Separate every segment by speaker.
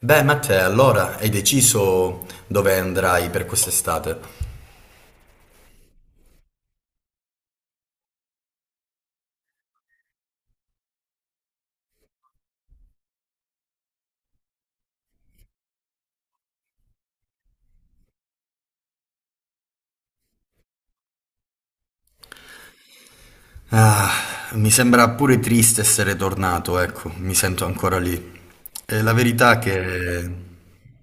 Speaker 1: Beh, Matteo, allora hai deciso dove andrai per quest'estate? Ah, mi sembra pure triste essere tornato, ecco, mi sento ancora lì. E la verità che...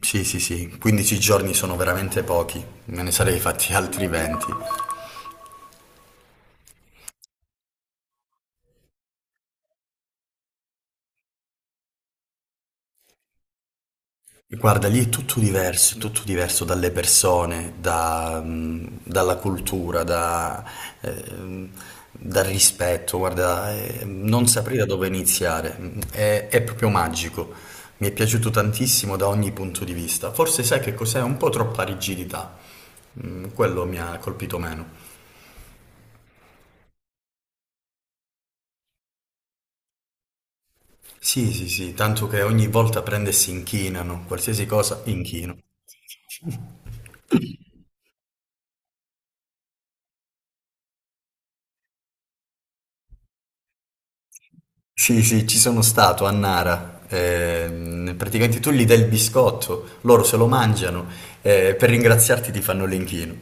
Speaker 1: Sì, sì, sì, 15 giorni sono veramente pochi, me ne sarei fatti altri 20. Guarda, lì è tutto diverso dalle persone, da, dalla cultura, da, ehm, dal rispetto. Guarda, non saprei da dove iniziare. È proprio magico. Mi è piaciuto tantissimo da ogni punto di vista. Forse sai che cos'è? Un po' troppa rigidità. Quello mi ha colpito meno. Sì, sì, sì, tanto che ogni volta prende e si inchinano, qualsiasi cosa inchino. Sì, sì, ci sono stato a Nara. Praticamente tu gli dai il biscotto, loro se lo mangiano e per ringraziarti ti fanno l'inchino.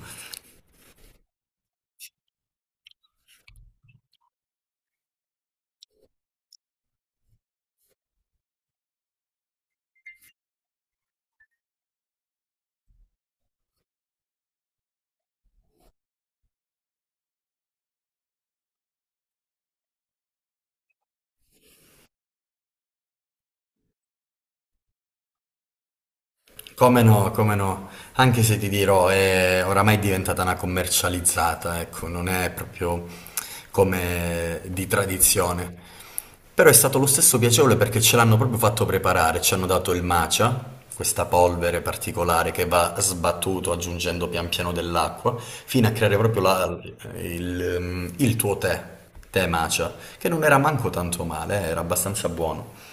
Speaker 1: Come no, come no, anche se ti dirò, è oramai è diventata una commercializzata, ecco, non è proprio come di tradizione. Però è stato lo stesso piacevole perché ce l'hanno proprio fatto preparare, ci hanno dato il matcha, questa polvere particolare che va sbattuto aggiungendo pian piano dell'acqua, fino a creare proprio la- il tuo tè, tè matcha, che non era manco tanto male, era abbastanza buono.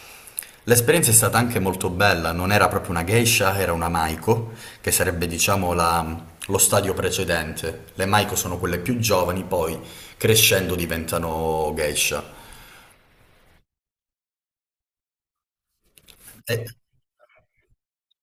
Speaker 1: L'esperienza è stata anche molto bella, non era proprio una geisha, era una maiko, che sarebbe diciamo la- lo stadio precedente. Le maiko sono quelle più giovani, poi crescendo diventano geisha. Eh,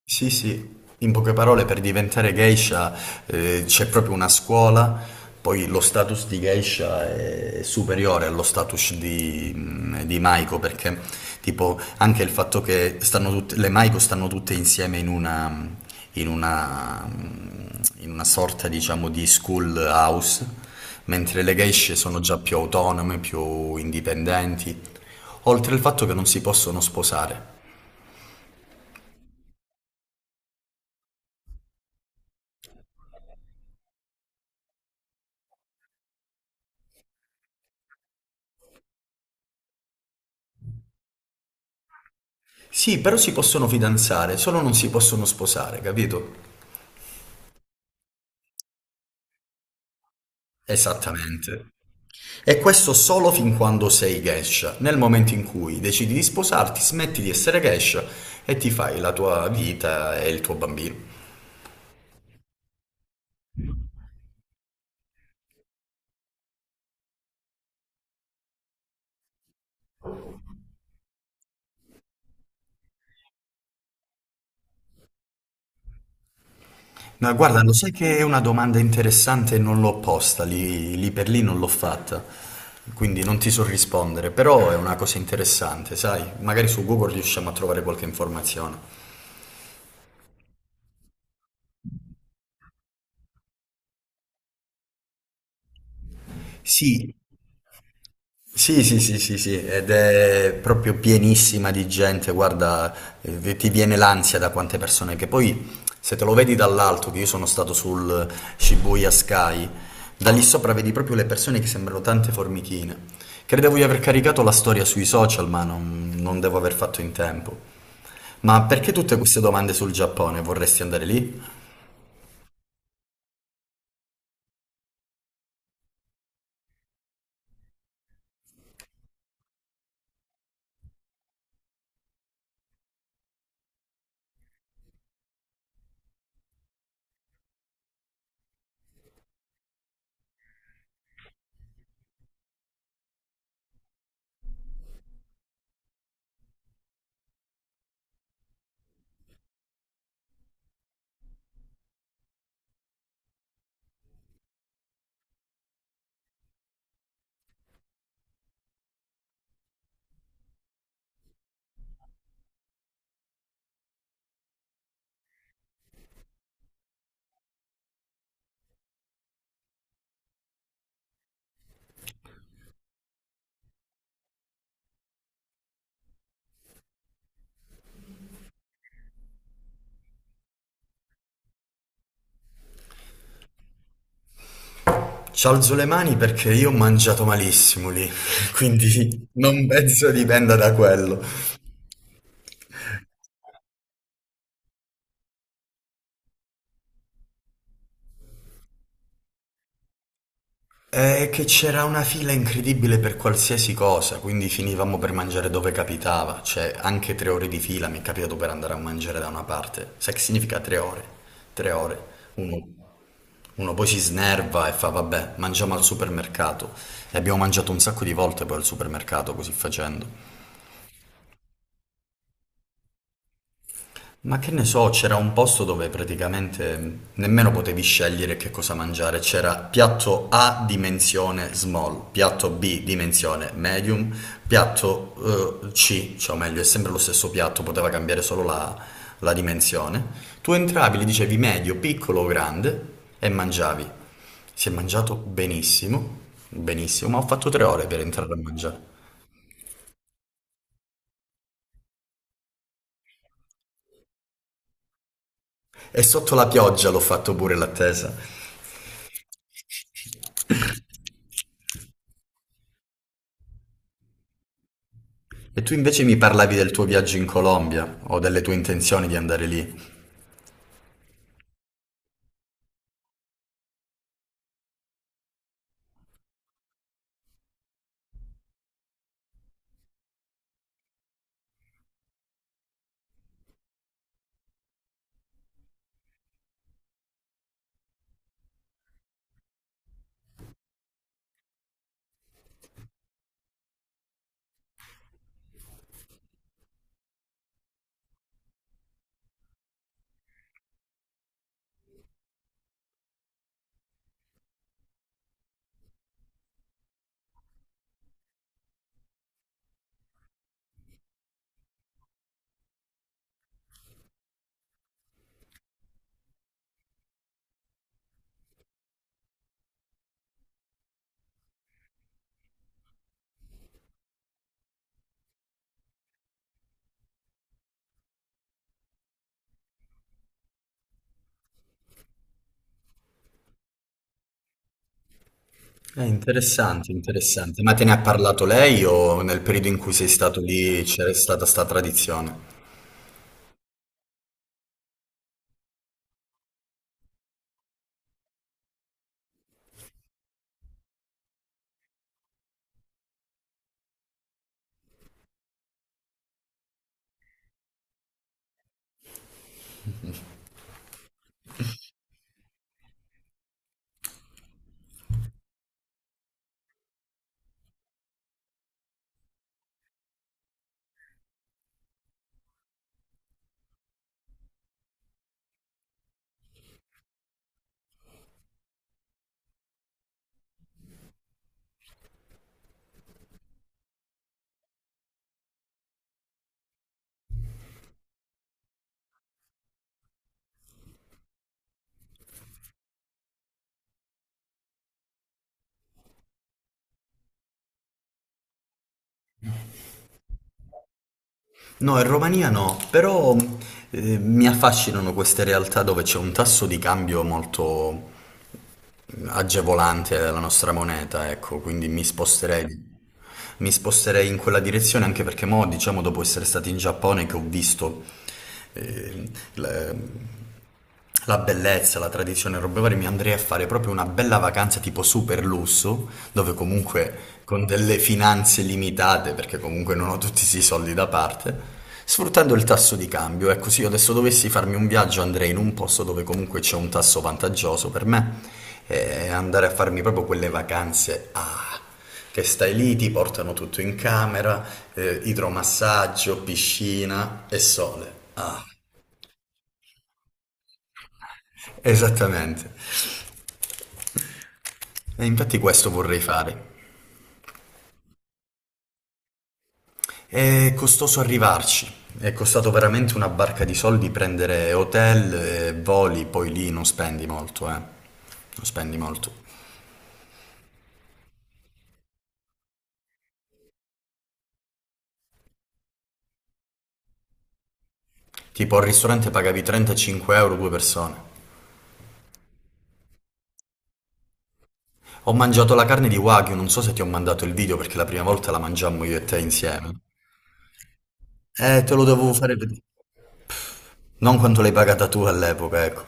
Speaker 1: Sì, sì, in poche parole per diventare geisha c'è proprio una scuola, poi lo status di geisha è superiore allo status di maiko perché tipo anche il fatto che stanno tutte, le maiko stanno tutte insieme in una, in una sorta diciamo di school house, mentre le geishe sono già più autonome, più indipendenti, oltre al fatto che non si possono sposare. Sì, però si possono fidanzare, solo non si possono sposare, capito? Esattamente. E questo solo fin quando sei geisha. Nel momento in cui decidi di sposarti, smetti di essere geisha e ti fai la tua vita e il tuo bambino. Ma guarda, lo sai che è una domanda interessante e non l'ho posta, lì, lì per lì non l'ho fatta, quindi non ti so rispondere, però è una cosa interessante, sai? Magari su Google riusciamo a trovare qualche informazione. Sì, sì, sì, sì, sì, sì, ed è proprio pienissima di gente, guarda, ti viene l'ansia da quante persone, che poi se te lo vedi dall'alto, che io sono stato sul Shibuya Sky, da lì sopra vedi proprio le persone che sembrano tante formichine. Credevo di aver caricato la storia sui social, ma non devo aver fatto in tempo. Ma perché tutte queste domande sul Giappone? Vorresti andare lì? Ci alzo le mani perché io ho mangiato malissimo lì, quindi non penso dipenda da quello. È che c'era una fila incredibile per qualsiasi cosa, quindi finivamo per mangiare dove capitava, cioè anche tre ore di fila mi è capitato per andare a mangiare da una parte. Sai che significa 3 ore? 3 ore. Uno, uno poi si snerva e fa vabbè, mangiamo al supermercato. E abbiamo mangiato un sacco di volte poi al supermercato così facendo. Ma che ne so, c'era un posto dove praticamente nemmeno potevi scegliere che cosa mangiare, c'era piatto A dimensione small, piatto B dimensione medium, piatto C, cioè o meglio è sempre lo stesso piatto, poteva cambiare solo la, la dimensione. Tu entravi, gli dicevi medio, piccolo o grande e mangiavi. Si è mangiato benissimo, benissimo, ma ho fatto 3 ore per entrare a mangiare. E sotto la pioggia l'ho fatto pure l'attesa. E tu invece mi parlavi del tuo viaggio in Colombia o delle tue intenzioni di andare lì. È interessante, interessante. Ma te ne ha parlato lei o nel periodo in cui sei stato lì c'era stata sta tradizione? No, in Romania no, però mi affascinano queste realtà dove c'è un tasso di cambio molto, agevolante della nostra moneta, ecco, quindi mi sposterei. Mi sposterei in quella direzione anche perché mo, diciamo, dopo essere stati in Giappone che ho visto eh, la, la bellezza, la tradizione, e robe varie, mi andrei a fare proprio una bella vacanza tipo super lusso, dove comunque con delle finanze limitate, perché comunque non ho tutti questi soldi da parte. Sfruttando il tasso di cambio, ecco, se io adesso dovessi farmi un viaggio andrei in un posto dove comunque c'è un tasso vantaggioso per me e andare a farmi proprio quelle vacanze che stai lì, ti portano tutto in camera, idromassaggio, piscina e sole. Ah, esattamente. E infatti questo vorrei fare. È costoso arrivarci. È costato veramente una barca di soldi prendere hotel e voli, poi lì non spendi molto, eh. Non spendi molto. Tipo al ristorante pagavi 35 euro due persone. Ho mangiato la carne di Wagyu, non so se ti ho mandato il video perché la prima volta la mangiammo io e te insieme. Te lo dovevo fare vedere. Non quanto l'hai pagata tu all'epoca, ecco.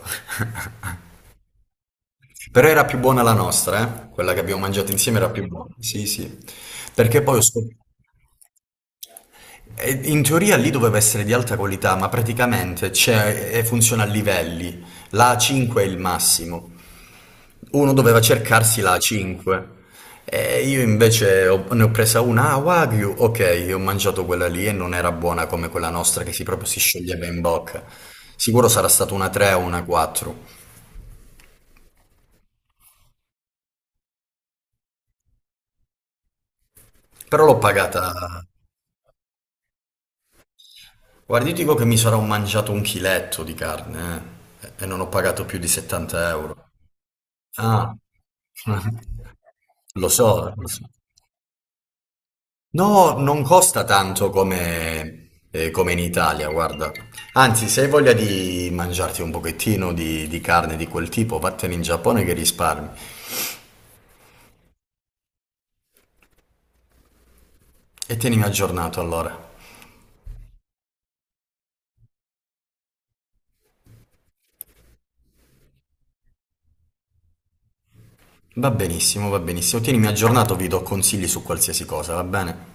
Speaker 1: Però era più buona la nostra, eh? Quella che abbiamo mangiato insieme era più buona. Sì, sì. Perché poi ho scoperto... E in teoria lì doveva essere di alta qualità, ma praticamente c'è, e funziona a livelli. La A5 è il massimo. Uno doveva cercarsi la 5 e io invece ho- ne ho presa una, ah, Wagyu, ok, ho mangiato quella lì e non era buona come quella nostra che si proprio si scioglieva in bocca. Sicuro sarà stata una 3 o una 4, però l'ho pagata... Guardi, io dico che mi sarò mangiato un chiletto di carne e non ho pagato più di 70 euro. Ah, lo so, lo so. No, non costa tanto come, come in Italia, guarda. Anzi, se hai voglia di mangiarti un pochettino di carne di quel tipo, vattene in Giappone che risparmi. E tienimi aggiornato allora. Va benissimo, va benissimo. Tienimi aggiornato, vi do consigli su qualsiasi cosa, va bene?